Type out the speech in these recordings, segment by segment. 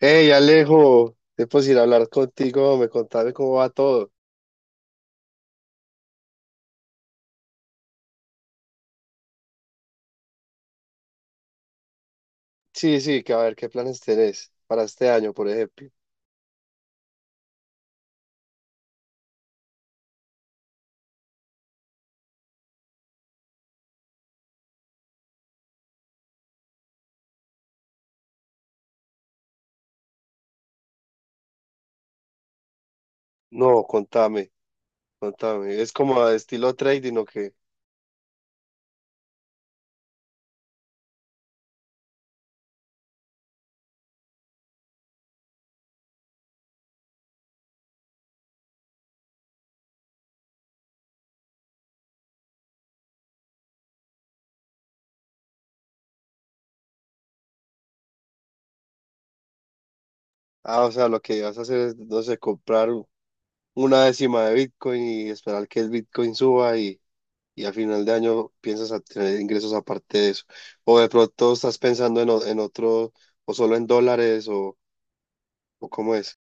Hey Alejo, tiempo sin hablar contigo, me contame cómo va todo. Sí, sí, que a ver, ¿qué planes tenés para este año, por ejemplo? No, contame, contame. Es como a estilo trading o qué. Ah, o sea, lo que vas a hacer es, no sé, comprar una décima de Bitcoin y esperar que el Bitcoin suba y a final de año piensas a tener ingresos aparte de eso. O de pronto estás pensando en, en otro, o solo en dólares, o cómo es.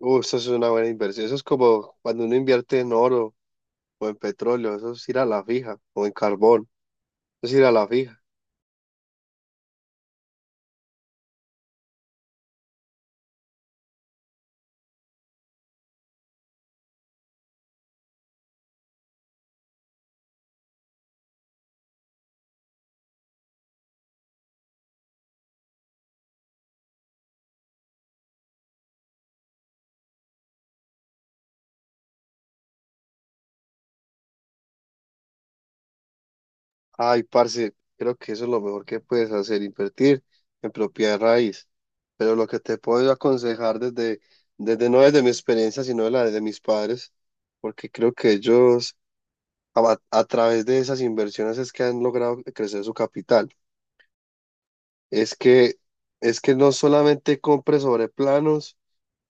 Eso es una buena inversión. Eso es como cuando uno invierte en oro o en petróleo, eso es ir a la fija, o en carbón, eso es ir a la fija. Ay, parce, creo que eso es lo mejor que puedes hacer, invertir en propiedad de raíz. Pero lo que te puedo aconsejar desde no desde mi experiencia, sino de la de mis padres, porque creo que ellos a través de esas inversiones es que han logrado crecer su capital. Es que, es que no solamente compres sobre planos,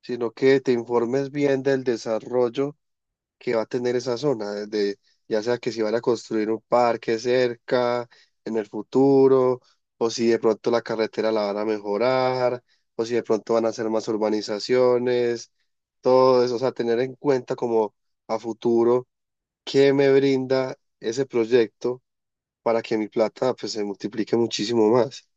sino que te informes bien del desarrollo que va a tener esa zona, desde ya sea que si van a construir un parque cerca en el futuro, o si de pronto la carretera la van a mejorar, o si de pronto van a hacer más urbanizaciones, todo eso, o sea, tener en cuenta como a futuro qué me brinda ese proyecto para que mi plata pues se multiplique muchísimo más.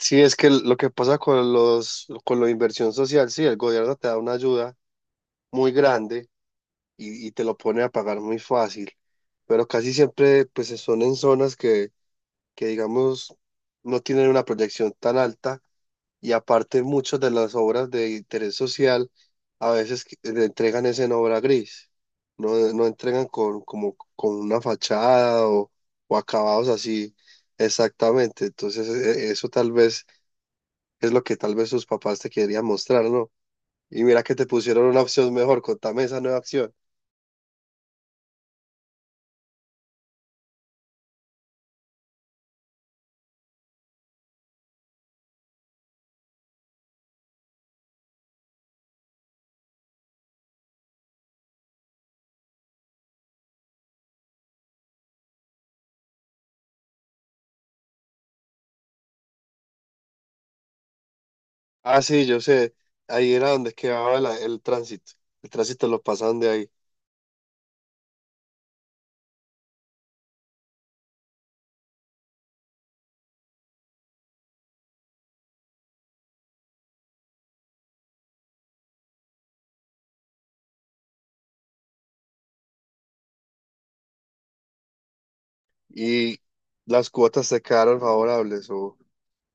Sí, es que lo que pasa con con la inversión social, sí, el gobierno te da una ayuda muy grande y te lo pone a pagar muy fácil. Pero casi siempre pues son en zonas que digamos no tienen una proyección tan alta y aparte muchas de las obras de interés social a veces le entregan es en obra gris. No, no entregan con una fachada o acabados así exactamente. Entonces eso tal vez es lo que tal vez sus papás te querían mostrar, ¿no? Y mira que te pusieron una opción mejor, contame esa nueva opción. Ah, sí, yo sé. Ahí era donde quedaba el tránsito. El tránsito lo pasan de ahí. Y las cuotas te quedaron favorables o,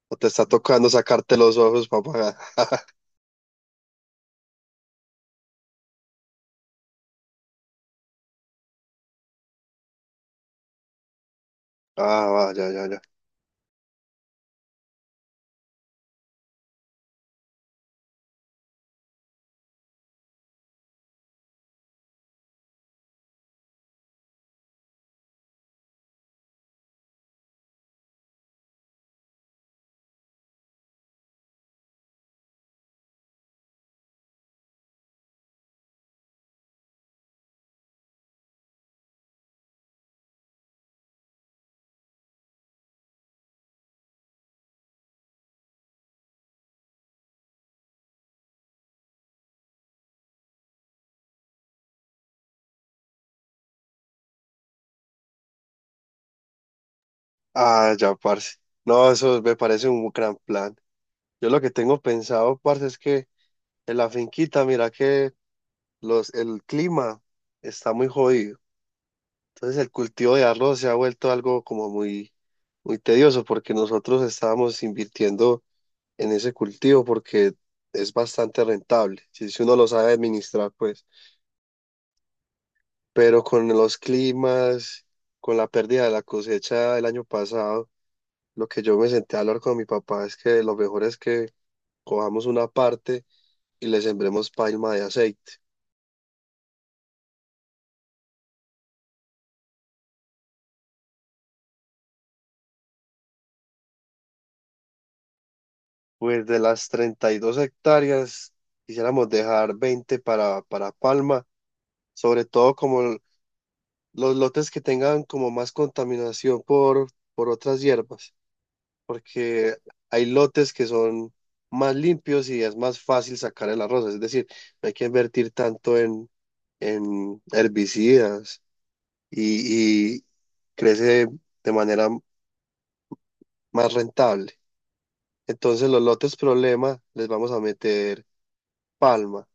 o te está tocando sacarte los ojos para pagar. Ah, va, ya, ya, ya. Ah, ya, parce. No, eso me parece un gran plan. Yo lo que tengo pensado, parce, es que en la finquita, mira que el clima está muy jodido. Entonces el cultivo de arroz se ha vuelto algo como muy, muy tedioso porque nosotros estábamos invirtiendo en ese cultivo porque es bastante rentable, si uno lo sabe administrar, pues. Pero con los climas, con la pérdida de la cosecha del año pasado, lo que yo me senté a hablar con mi papá es que lo mejor es que cojamos una parte y le sembremos palma de aceite. Pues de las 32 hectáreas, quisiéramos dejar 20 para palma, sobre todo como los lotes que tengan como más contaminación por otras hierbas. Porque hay lotes que son más limpios y es más fácil sacar el arroz. Es decir, no hay que invertir tanto en herbicidas y crece de manera más rentable. Entonces, los lotes problema les vamos a meter palma.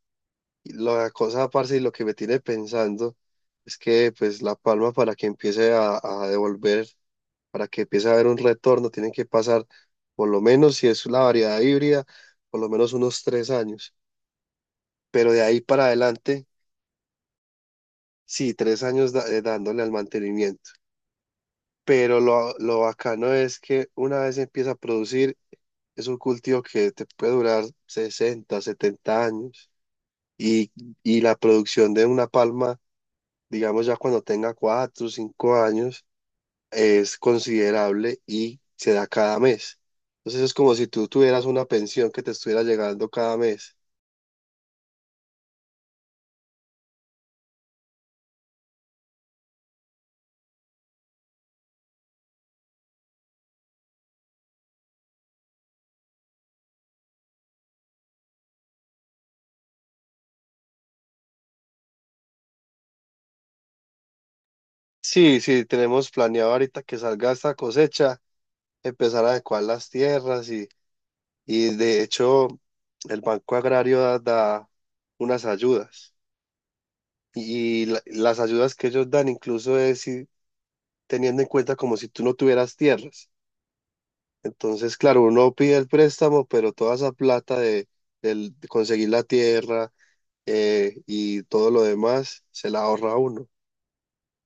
Y la cosa, parce, y lo que me tiene pensando es que, pues, la palma para que empiece a devolver, para que empiece a haber un retorno, tienen que pasar, por lo menos si es la variedad híbrida, por lo menos unos 3 años. Pero de ahí para adelante, sí, 3 años dándole al mantenimiento. Pero lo bacano es que una vez empieza a producir, es un cultivo que te puede durar 60-70 años. Y, y la producción de una palma, digamos ya cuando tenga 4 o 5 años, es considerable y se da cada mes. Entonces es como si tú tuvieras una pensión que te estuviera llegando cada mes. Sí, sí, tenemos planeado ahorita que salga esta cosecha, empezar a adecuar las tierras, y de hecho el Banco Agrario da unas ayudas, y las ayudas que ellos dan incluso es si- teniendo en cuenta como si tú no tuvieras tierras. Entonces, claro, uno pide el préstamo, pero toda esa plata de conseguir la tierra, y todo lo demás se la ahorra uno,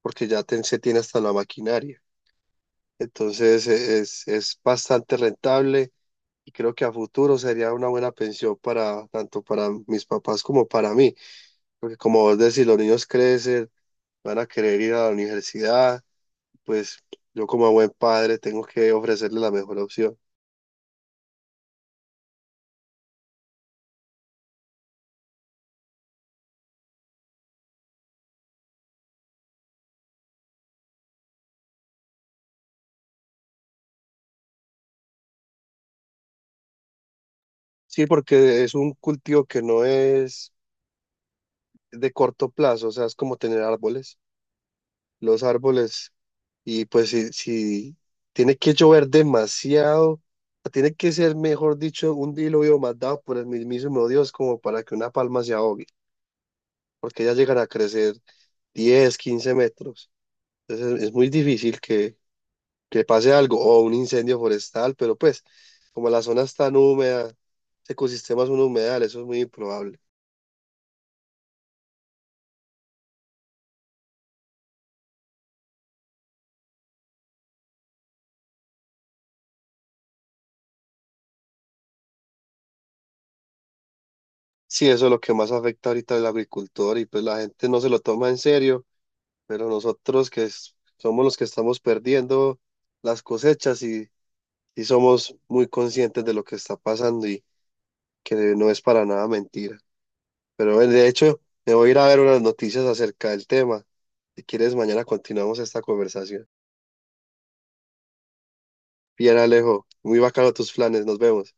porque ya se tiene hasta la maquinaria. Entonces es bastante rentable y creo que a futuro sería una buena pensión para tanto para mis papás como para mí, porque como vos decís, los niños crecen, van a querer ir a la universidad, pues yo como buen padre tengo que ofrecerles la mejor opción. Sí, porque es un cultivo que no es de corto plazo, o sea, es como tener árboles. Los árboles. Y pues si tiene que llover demasiado, tiene que ser, mejor dicho, un diluvio mandado por el mismísimo Dios como para que una palma se ahogue, porque ya llegará a crecer 10-15 metros. Entonces es muy difícil que pase algo, o un incendio forestal, pero pues como la zona es tan húmeda, ese ecosistema es un humedal, eso es muy improbable. Sí, eso es lo que más afecta ahorita al agricultor y pues la gente no se lo toma en serio, pero nosotros que somos los que estamos perdiendo las cosechas y somos muy conscientes de lo que está pasando y que no es para nada mentira. Pero bueno, de hecho, me voy a ir a ver unas noticias acerca del tema. Si quieres, mañana continuamos esta conversación. Bien, Alejo, muy bacano tus planes, nos vemos.